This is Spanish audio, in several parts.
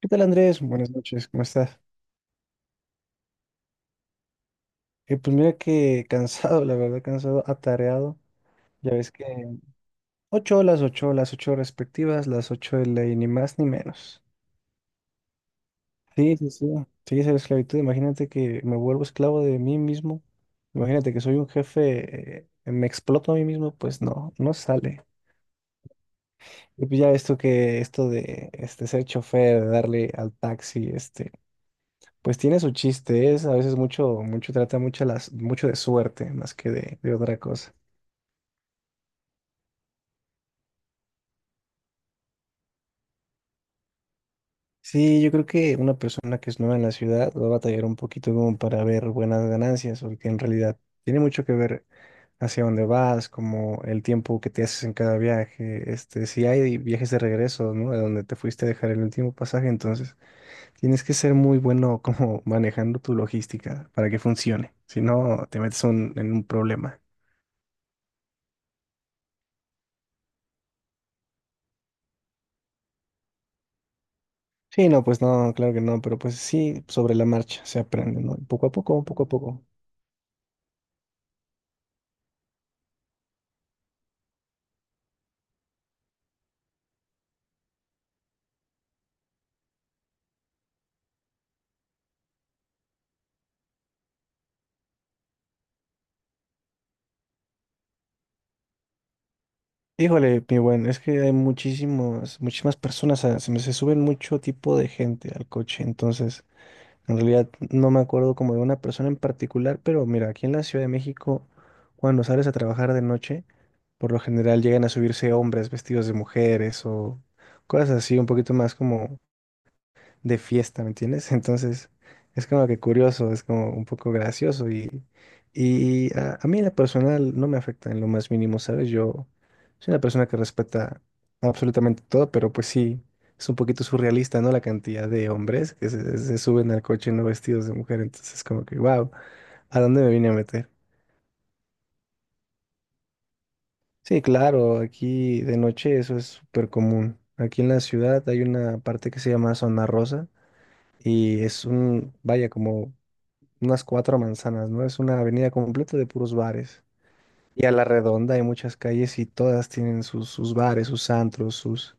¿Qué tal, Andrés? Buenas noches, ¿cómo estás? Pues mira que cansado, la verdad, cansado, atareado. Ya ves que 8 horas, 8 horas, ocho respectivas, las ocho de ley, ni más ni menos. Sí, sí, sí. Sí, esa es la esclavitud. Imagínate que me vuelvo esclavo de mí mismo. Imagínate que soy un jefe, me exploto a mí mismo, pues no, no sale. Y pues ya esto que, esto de este, ser chofer, de darle al taxi, este, pues tiene su chiste, es a veces mucho, mucho trata mucho, las, mucho de suerte más que de otra cosa. Sí, yo creo que una persona que es nueva en la ciudad va a batallar un poquito como para ver buenas ganancias, porque en realidad tiene mucho que ver hacia dónde vas, como el tiempo que te haces en cada viaje, este, si hay viajes de regreso, ¿no? A donde te fuiste a dejar el último pasaje, entonces tienes que ser muy bueno como manejando tu logística para que funcione, si no te metes en un problema. Sí, no, pues no, claro que no, pero pues sí, sobre la marcha se aprende, ¿no? Poco a poco, poco a poco. Híjole, mi buen, es que hay muchísimos, muchísimas personas, se me se suben mucho tipo de gente al coche, entonces, en realidad no me acuerdo como de una persona en particular, pero mira, aquí en la Ciudad de México, cuando sales a trabajar de noche, por lo general llegan a subirse hombres vestidos de mujeres o cosas así, un poquito más como de fiesta, ¿me entiendes? Entonces, es como que curioso, es como un poco gracioso y a mí en lo personal no me afecta en lo más mínimo, ¿sabes? Yo soy una persona que respeta absolutamente todo, pero pues sí, es un poquito surrealista, ¿no? La cantidad de hombres que se suben al coche no vestidos de mujer, entonces como que, wow, ¿a dónde me vine a meter? Sí, claro, aquí de noche eso es súper común. Aquí en la ciudad hay una parte que se llama Zona Rosa y es un, vaya, como unas 4 manzanas, ¿no? Es una avenida completa de puros bares. Y a la redonda hay muchas calles y todas tienen sus bares, sus antros, sus,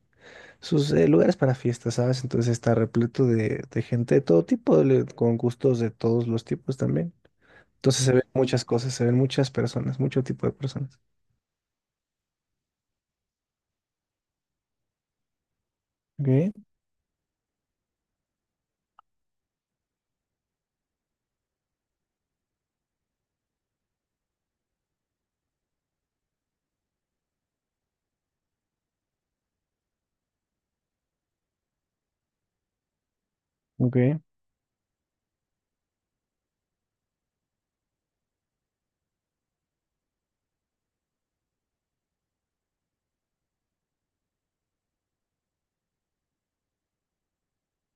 sus lugares para fiestas, ¿sabes? Entonces está repleto de gente de todo tipo, con gustos de todos los tipos también. Entonces se ven muchas cosas, se ven muchas personas, mucho tipo de personas. Ok, ok,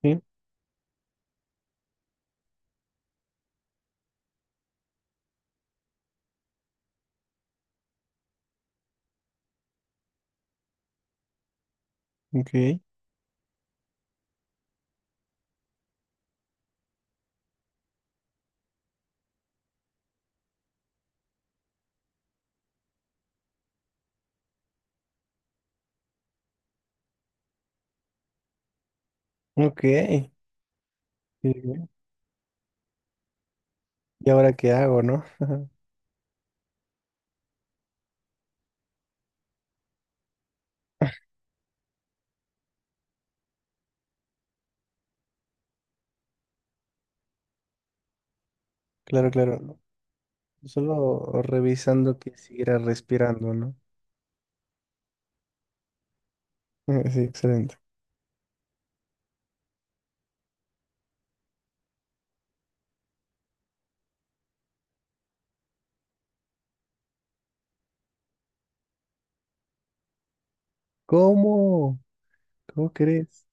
sí, ok, ok. Sí, ok. ¿Y ahora qué hago, no? Claro, claro. Solo revisando que siguiera respirando, ¿no? Sí, excelente. ¿Cómo? ¿Cómo crees?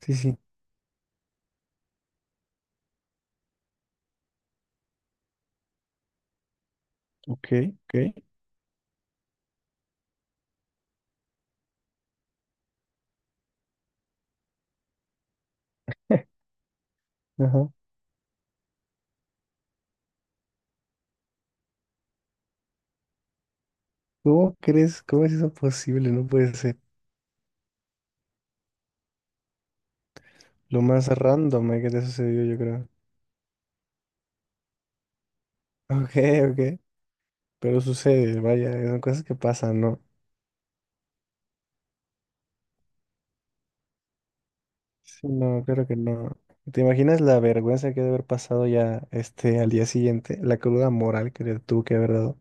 Sí, sí. Ok, ok. Ajá. ¿Cómo crees? ¿Cómo es eso posible? No puede ser. Lo más random que te sucedió, yo creo. Ok, ok. Pero sucede, vaya, son cosas que pasan, ¿no? Sí, no, claro que no. ¿Te imaginas la vergüenza que debe haber pasado ya este al día siguiente? La cruda moral que le tuvo que haber dado.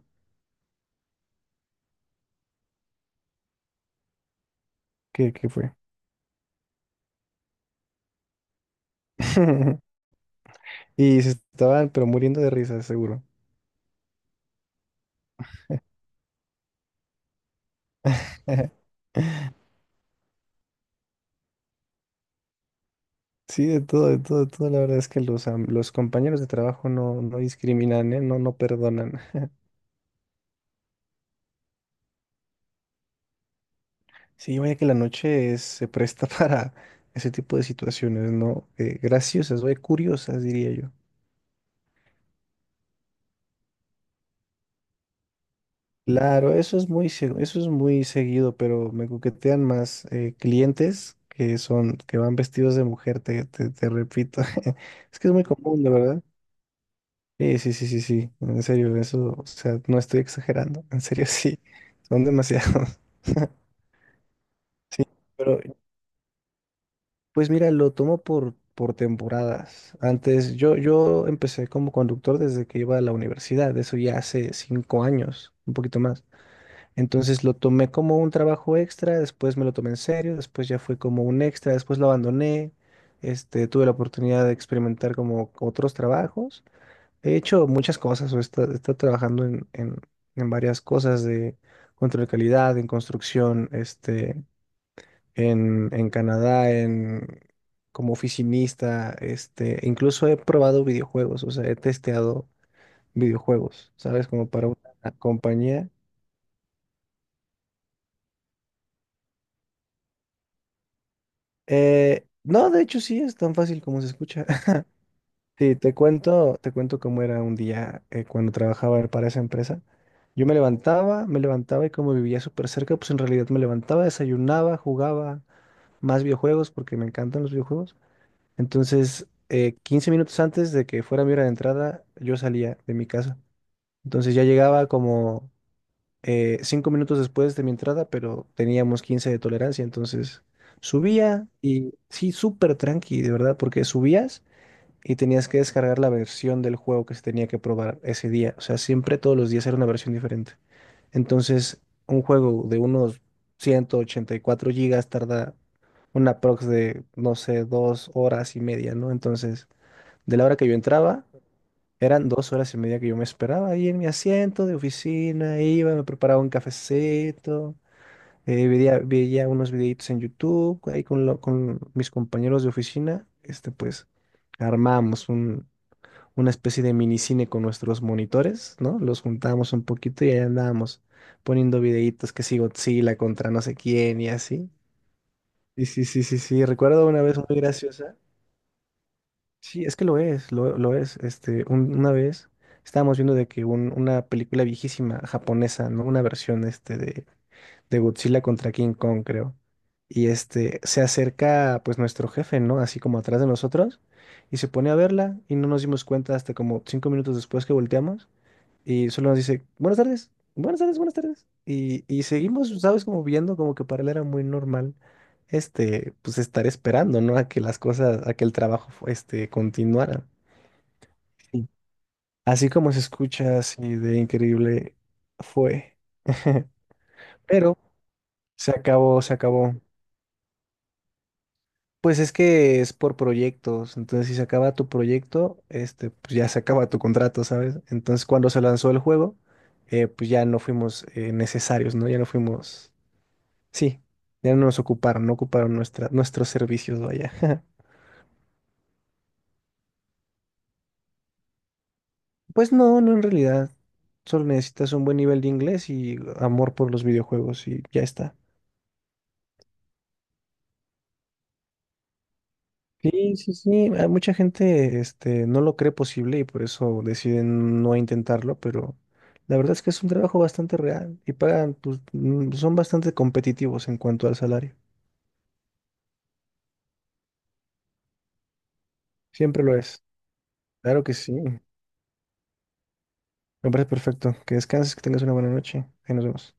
¿Qué fue? Y se estaban, pero muriendo de risa, seguro. Sí, de todo, de todo, de todo. La verdad es que los compañeros de trabajo no, no discriminan, ¿eh? No, no perdonan. Sí, vaya que la noche se presta para ese tipo de situaciones, ¿no? Graciosas, vaya, curiosas, diría yo. Claro, eso es muy seguido, pero me coquetean más clientes que son, que van vestidos de mujer, te repito. Es que es muy común, de verdad. Sí, sí, sí, sí, sí. En serio, eso, o sea, no estoy exagerando. En serio, sí. Son demasiados. Sí, pero pues mira, lo tomo por temporadas. Antes, yo empecé como conductor desde que iba a la universidad, eso ya hace 5 años, un poquito más. Entonces lo tomé como un trabajo extra, después me lo tomé en serio, después ya fue como un extra, después lo abandoné. Este, tuve la oportunidad de experimentar como otros trabajos. He hecho muchas cosas, o he he estado trabajando en, varias cosas de control de calidad, en construcción, este en Canadá, en, como oficinista, este, incluso he probado videojuegos, o sea, he testeado videojuegos, ¿sabes? Como para una compañía. No, de hecho sí, es tan fácil como se escucha. Sí, te cuento cómo era un día cuando trabajaba para esa empresa. Yo me levantaba y como vivía súper cerca, pues en realidad me levantaba, desayunaba, jugaba más videojuegos porque me encantan los videojuegos. Entonces, 15 minutos antes de que fuera mi hora de entrada, yo salía de mi casa. Entonces ya llegaba como 5 minutos después de mi entrada, pero teníamos 15 de tolerancia. Entonces subía y sí, súper tranqui, de verdad, porque subías y tenías que descargar la versión del juego que se tenía que probar ese día. O sea, siempre todos los días era una versión diferente. Entonces, un juego de unos 184 gigas tarda una prox de, no sé, 2 horas y media, ¿no? Entonces... De la hora que yo entraba, eran 2 horas y media que yo me esperaba ahí en mi asiento de oficina, iba, me preparaba un cafecito, veía, veía unos videitos en YouTube, ahí con, con mis compañeros de oficina, este, pues armamos una especie de minicine con nuestros monitores, ¿no? Los juntábamos un poquito y ahí andábamos poniendo videitos que si Godzilla contra no sé quién y así. Y sí, sí, sí, sí, recuerdo una vez muy graciosa. Sí, es que lo es, lo es. Este, una vez estábamos viendo de que una película viejísima japonesa, ¿no? Una versión este de, Godzilla contra King Kong, creo. Y este se acerca pues nuestro jefe, ¿no? Así como atrás de nosotros y se pone a verla y no nos dimos cuenta hasta como 5 minutos después que volteamos y solo nos dice, buenas tardes, buenas tardes, buenas tardes. Y seguimos, ¿sabes? Como viendo como que para él era muy normal, este, pues estar esperando, ¿no? A que las cosas, a que el trabajo, este, continuara. Sí. Así como se escucha así de increíble fue. Pero se acabó, se acabó. Pues es que es por proyectos, entonces si se acaba tu proyecto, este, pues ya se acaba tu contrato, ¿sabes? Entonces cuando se lanzó el juego, pues ya no fuimos necesarios, ¿no? Ya no fuimos. Sí, ya no nos ocuparon, no ocuparon nuestros servicios, vaya. Pues no, no en realidad. Solo necesitas un buen nivel de inglés y amor por los videojuegos y ya está. Sí, sí, sí. A mucha gente, este, no lo cree posible y por eso deciden no intentarlo, pero la verdad es que es un trabajo bastante real y pagan, pues, son bastante competitivos en cuanto al salario. Siempre lo es. Claro que sí. Me parece perfecto. Que descanses, que tengas una buena noche. Ahí nos vemos.